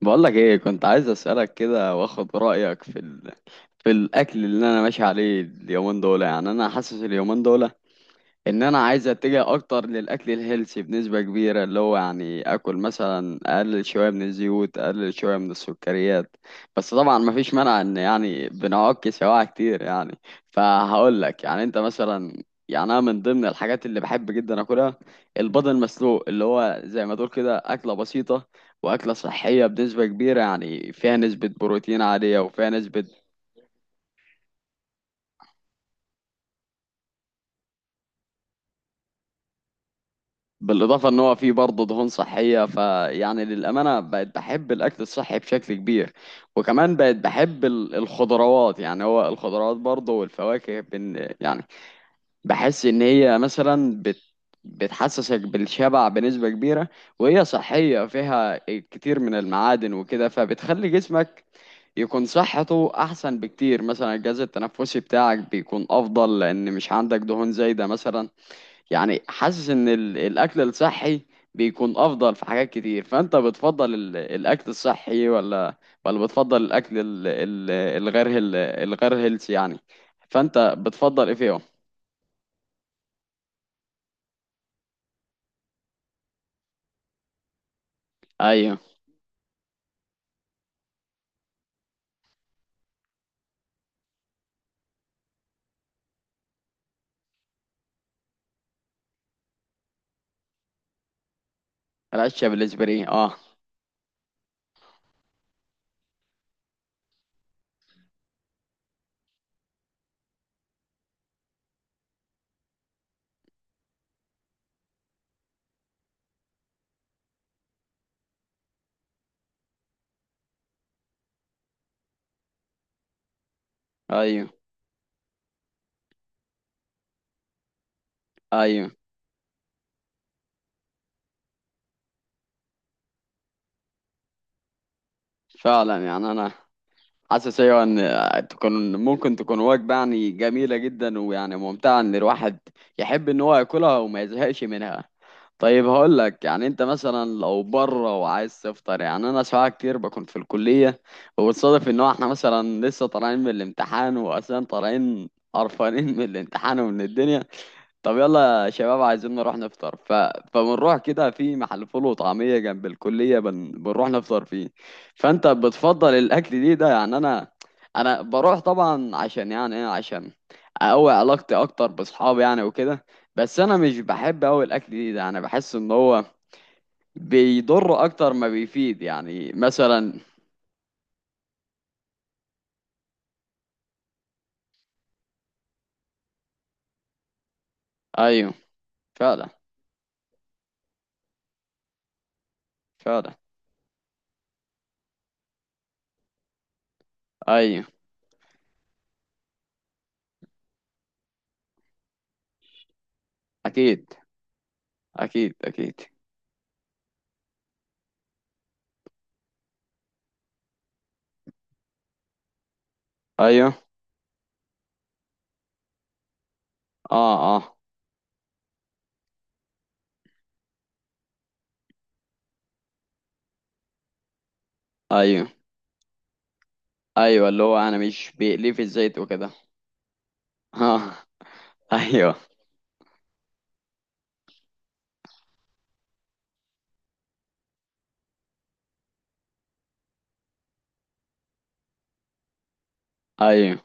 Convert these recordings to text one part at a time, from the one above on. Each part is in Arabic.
بقولك ايه، كنت عايز اسالك كده واخد رايك في في الاكل اللي انا ماشي عليه اليومين دول. يعني انا حاسس اليومين دول ان انا عايز اتجه اكتر للاكل الهيلثي بنسبه كبيره، اللي هو يعني اكل مثلا، اقلل شويه من الزيوت، اقلل شويه من السكريات. بس طبعا ما فيش مانع ان بنعك سواعي كتير فهقول لك، يعني انت مثلا، يعني انا من ضمن الحاجات اللي بحب جدا اكلها البيض المسلوق، اللي هو زي ما تقول كده اكله بسيطه واكله صحيه بنسبه كبيره، يعني فيها نسبه بروتين عاليه وفيها نسبه. بالاضافه ان هو فيه برضه دهون صحيه، للامانه بقت بحب الاكل الصحي بشكل كبير. وكمان بقت بحب الخضروات. يعني هو الخضروات برضه والفواكه بن يعني بحس ان هي مثلا بتحسسك بالشبع بنسبه كبيره، وهي صحيه فيها كتير من المعادن وكده، فبتخلي جسمك يكون صحته احسن بكتير. مثلا الجهاز التنفسي بتاعك بيكون افضل لان مش عندك دهون زايده مثلا. يعني حاسس ان الاكل الصحي بيكون افضل في حاجات كتير. فانت بتفضل الاكل الصحي ولا بتفضل الاكل الغير الغير هيلثي يعني؟ فانت بتفضل ايه فيهم؟ ايوه. العشة بالاسبري، اه. ايوه، ايوه. فعلا، يعني انا حاسس، ايوه، ان تكون، ممكن تكون وجبه يعني جميله جدا ويعني ممتعه، ان الواحد يحب ان هو ياكلها وما يزهقش منها. طيب هقول لك، يعني انت مثلا لو بره وعايز تفطر، يعني انا ساعات كتير بكون في الكليه، وبتصادف ان هو احنا مثلا لسه طالعين من الامتحان، واصلا طالعين قرفانين من الامتحان ومن الدنيا. طب يلا يا شباب عايزين نروح نفطر فبنروح كده في محل فول وطعمية جنب الكلية بنروح نفطر فيه. فأنت بتفضل الأكل دي ده؟ يعني أنا، أنا بروح طبعا عشان، يعني إيه، عشان أقوي علاقتي أكتر بأصحابي يعني وكده. بس أنا مش بحب أوي الأكل دي ده، أنا بحس إن هو بيضر أكتر ما بيفيد يعني مثلا. أيوه، فعلا. فعلا. أيوه. أكيد. أكيد، أكيد. أيوه. أه، أه. أيوه. ايوه، اللي هو انا مش بيقلي في الزيت وكده اه. ايوه. ايوه.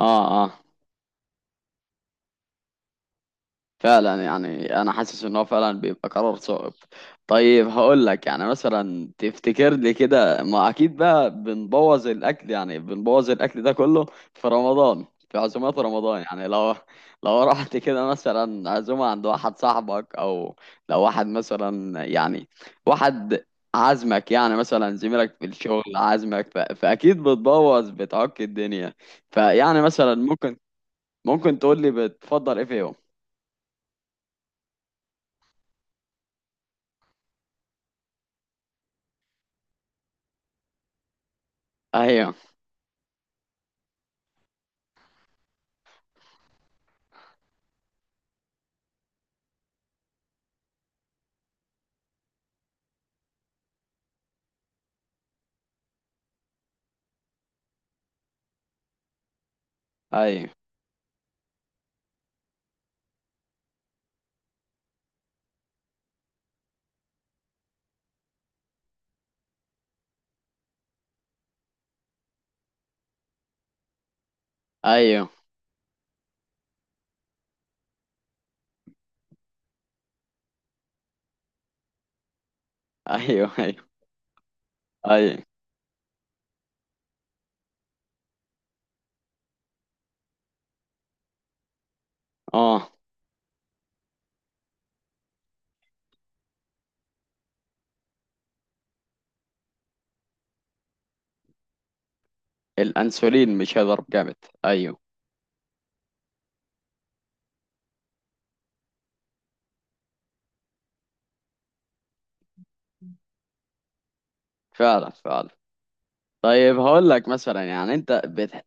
اه، اه. فعلا، يعني انا حاسس ان هو فعلا بيبقى قرار صعب. طيب هقول لك، يعني مثلا تفتكر لي كده، ما اكيد بقى بنبوظ الاكل، يعني بنبوظ الاكل ده كله في رمضان، في عزومات رمضان، يعني لو رحت كده مثلا عزومة عند واحد صاحبك، او لو واحد مثلا يعني، واحد عازمك، يعني مثلا زميلك في الشغل عازمك، فاكيد بتبوظ بتعك الدنيا. فيعني مثلا ممكن، ممكن تقول لي بتفضل ايه فيهم؟ ايوه. ايوه، ايوه. ايوه. ايوه. ايوه. اه. الانسولين مش هيضرب جامد. ايوه. فعلا، فعلا. طيب هقول لك مثلا، يعني انت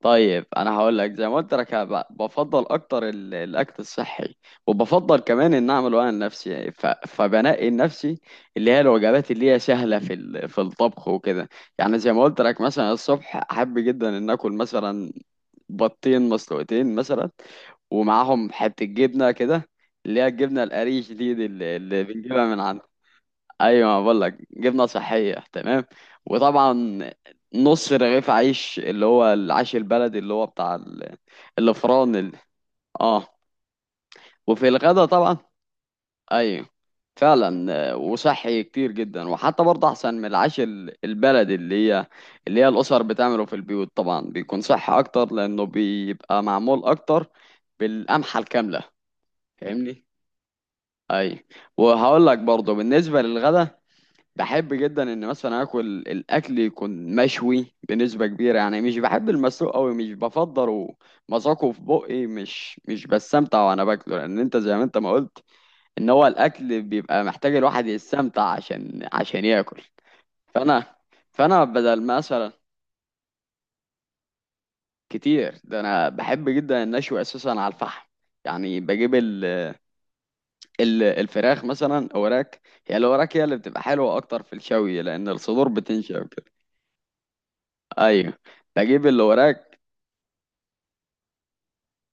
طيب انا هقول لك زي ما قلت لك، أنا بفضل اكتر الاكل الصحي، وبفضل كمان ان اعمله انا لنفسي. يعني فبنقي لنفسي اللي هي الوجبات اللي هي سهله في في الطبخ وكده. يعني زي ما قلت لك، مثلا الصبح احب جدا ان اكل مثلا 2 بطين مسلوقتين مثلا، ومعاهم حتة جبنة كده، اللي هي الجبنة القريش دي. دي اللي بنجيبها من عند. أيوة، ما بقول لك جبنة صحية تمام. وطبعا نص رغيف عيش، اللي هو العيش البلدي اللي هو بتاع الفران اه. وفي الغدا طبعا، ايوه. فعلا، آه، وصحي كتير جدا، وحتى برضه احسن من العيش البلدي، اللي هي اللي هي الاسر بتعمله في البيوت. طبعا بيكون صحي اكتر لانه بيبقى معمول اكتر بالقمحة الكاملة. فاهمني؟ اي. وهقول لك برضه بالنسبة للغدا، بحب جدا ان مثلا اكل، الاكل يكون مشوي بنسبة كبيرة. يعني مش بحب المسلوق قوي، مش بفضله. مذاقه في بقي، مش بستمتع وانا باكله، لان انت زي ما انت ما قلت ان هو الاكل بيبقى محتاج الواحد يستمتع عشان ياكل. فانا، فانا بدل مثلا، كتير ده، انا بحب جدا النشوي اساسا على الفحم. يعني بجيب ال الفراخ مثلا اوراك. هي الاوراك هي اللي بتبقى حلوه اكتر في الشوي، لان الصدور بتنشف كده. ايوه، بجيب الاوراك.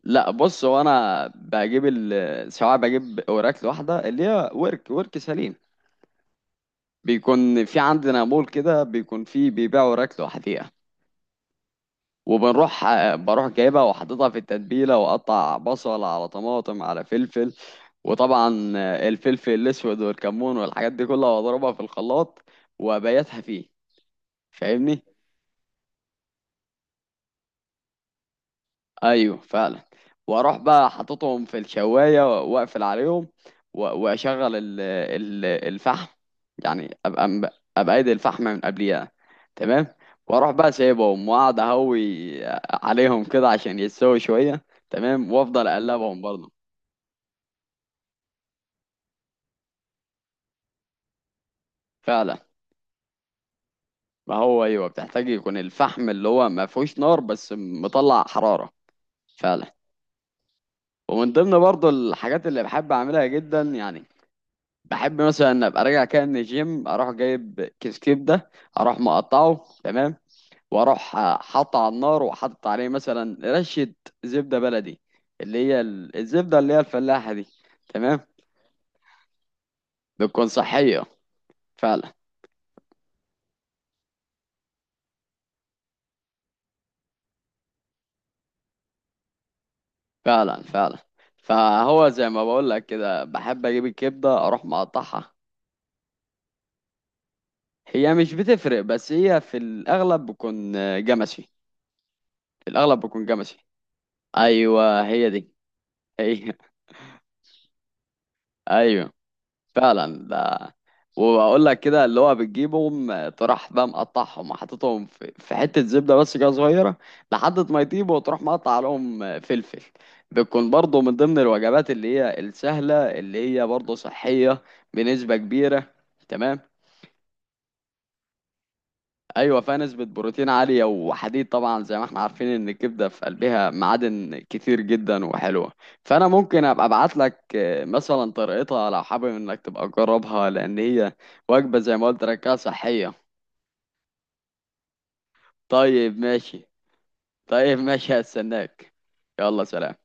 لا، بص هو انا بجيب سواء بجيب اوراك لوحدها اللي هي ورك، ورك سليم. بيكون في عندنا مول كده بيكون فيه بيبيعوا اوراك لوحديها. وبنروح بروح جايبها وحاططها في التتبيله، واقطع بصل على طماطم على فلفل، وطبعا الفلفل الاسود والكمون والحاجات دي كلها، واضربها في الخلاط، وابيتها فيه. فاهمني؟ ايوه، فعلا. واروح بقى حاططهم في الشوايه واقفل عليهم، واشغل الفحم. يعني ابقى ايدي الفحم من قبليها، تمام. واروح بقى سايبهم، واقعد اهوي عليهم كده عشان يتسووا شويه، تمام، وافضل اقلبهم برضه. فعلا. ما هو ايوه، بتحتاج يكون الفحم اللي هو ما فيهوش نار بس مطلع حراره. فعلا. ومن ضمن برضو الحاجات اللي بحب اعملها جدا، يعني بحب مثلا ان ابقى راجع كده من الجيم، اروح جايب كيس كبده، اروح مقطعه تمام، واروح حاطه على النار، وحاطط عليه مثلا رشه زبده بلدي، اللي هي الزبده اللي هي الفلاحه دي، تمام. بتكون صحيه، فعلا. فعلا، فعلا. فهو زي ما بقول لك كده، بحب اجيب الكبده اروح مقطعها. هي مش بتفرق، بس هي في الأغلب بكون، آه، جمشي. في الأغلب بكون جمشي. أيوة، هي دي. هي أيوة، فعلا ده. وأقول لك كده اللي هو بتجيبهم، آه، تروح بقى مقطعهم وحاططهم في حتة زبدة بس كده صغيرة، لحد ما يطيبوا، وتروح مقطع عليهم، آه، فلفل. بتكون برضه من ضمن الوجبات اللي هي السهلة اللي هي برضه صحية بنسبة كبيرة، تمام. ايوه، فيها نسبة بروتين عالية وحديد طبعا، زي ما احنا عارفين ان الكبدة في قلبها معادن كتير جدا وحلوة. فانا ممكن ابقى ابعت لك، آه، مثلا طريقتها لو حابب انك تبقى تجربها، لان هي وجبة زي ما قلت لك كده صحية. طيب ماشي. طيب ماشي، هستناك. يلا سلام.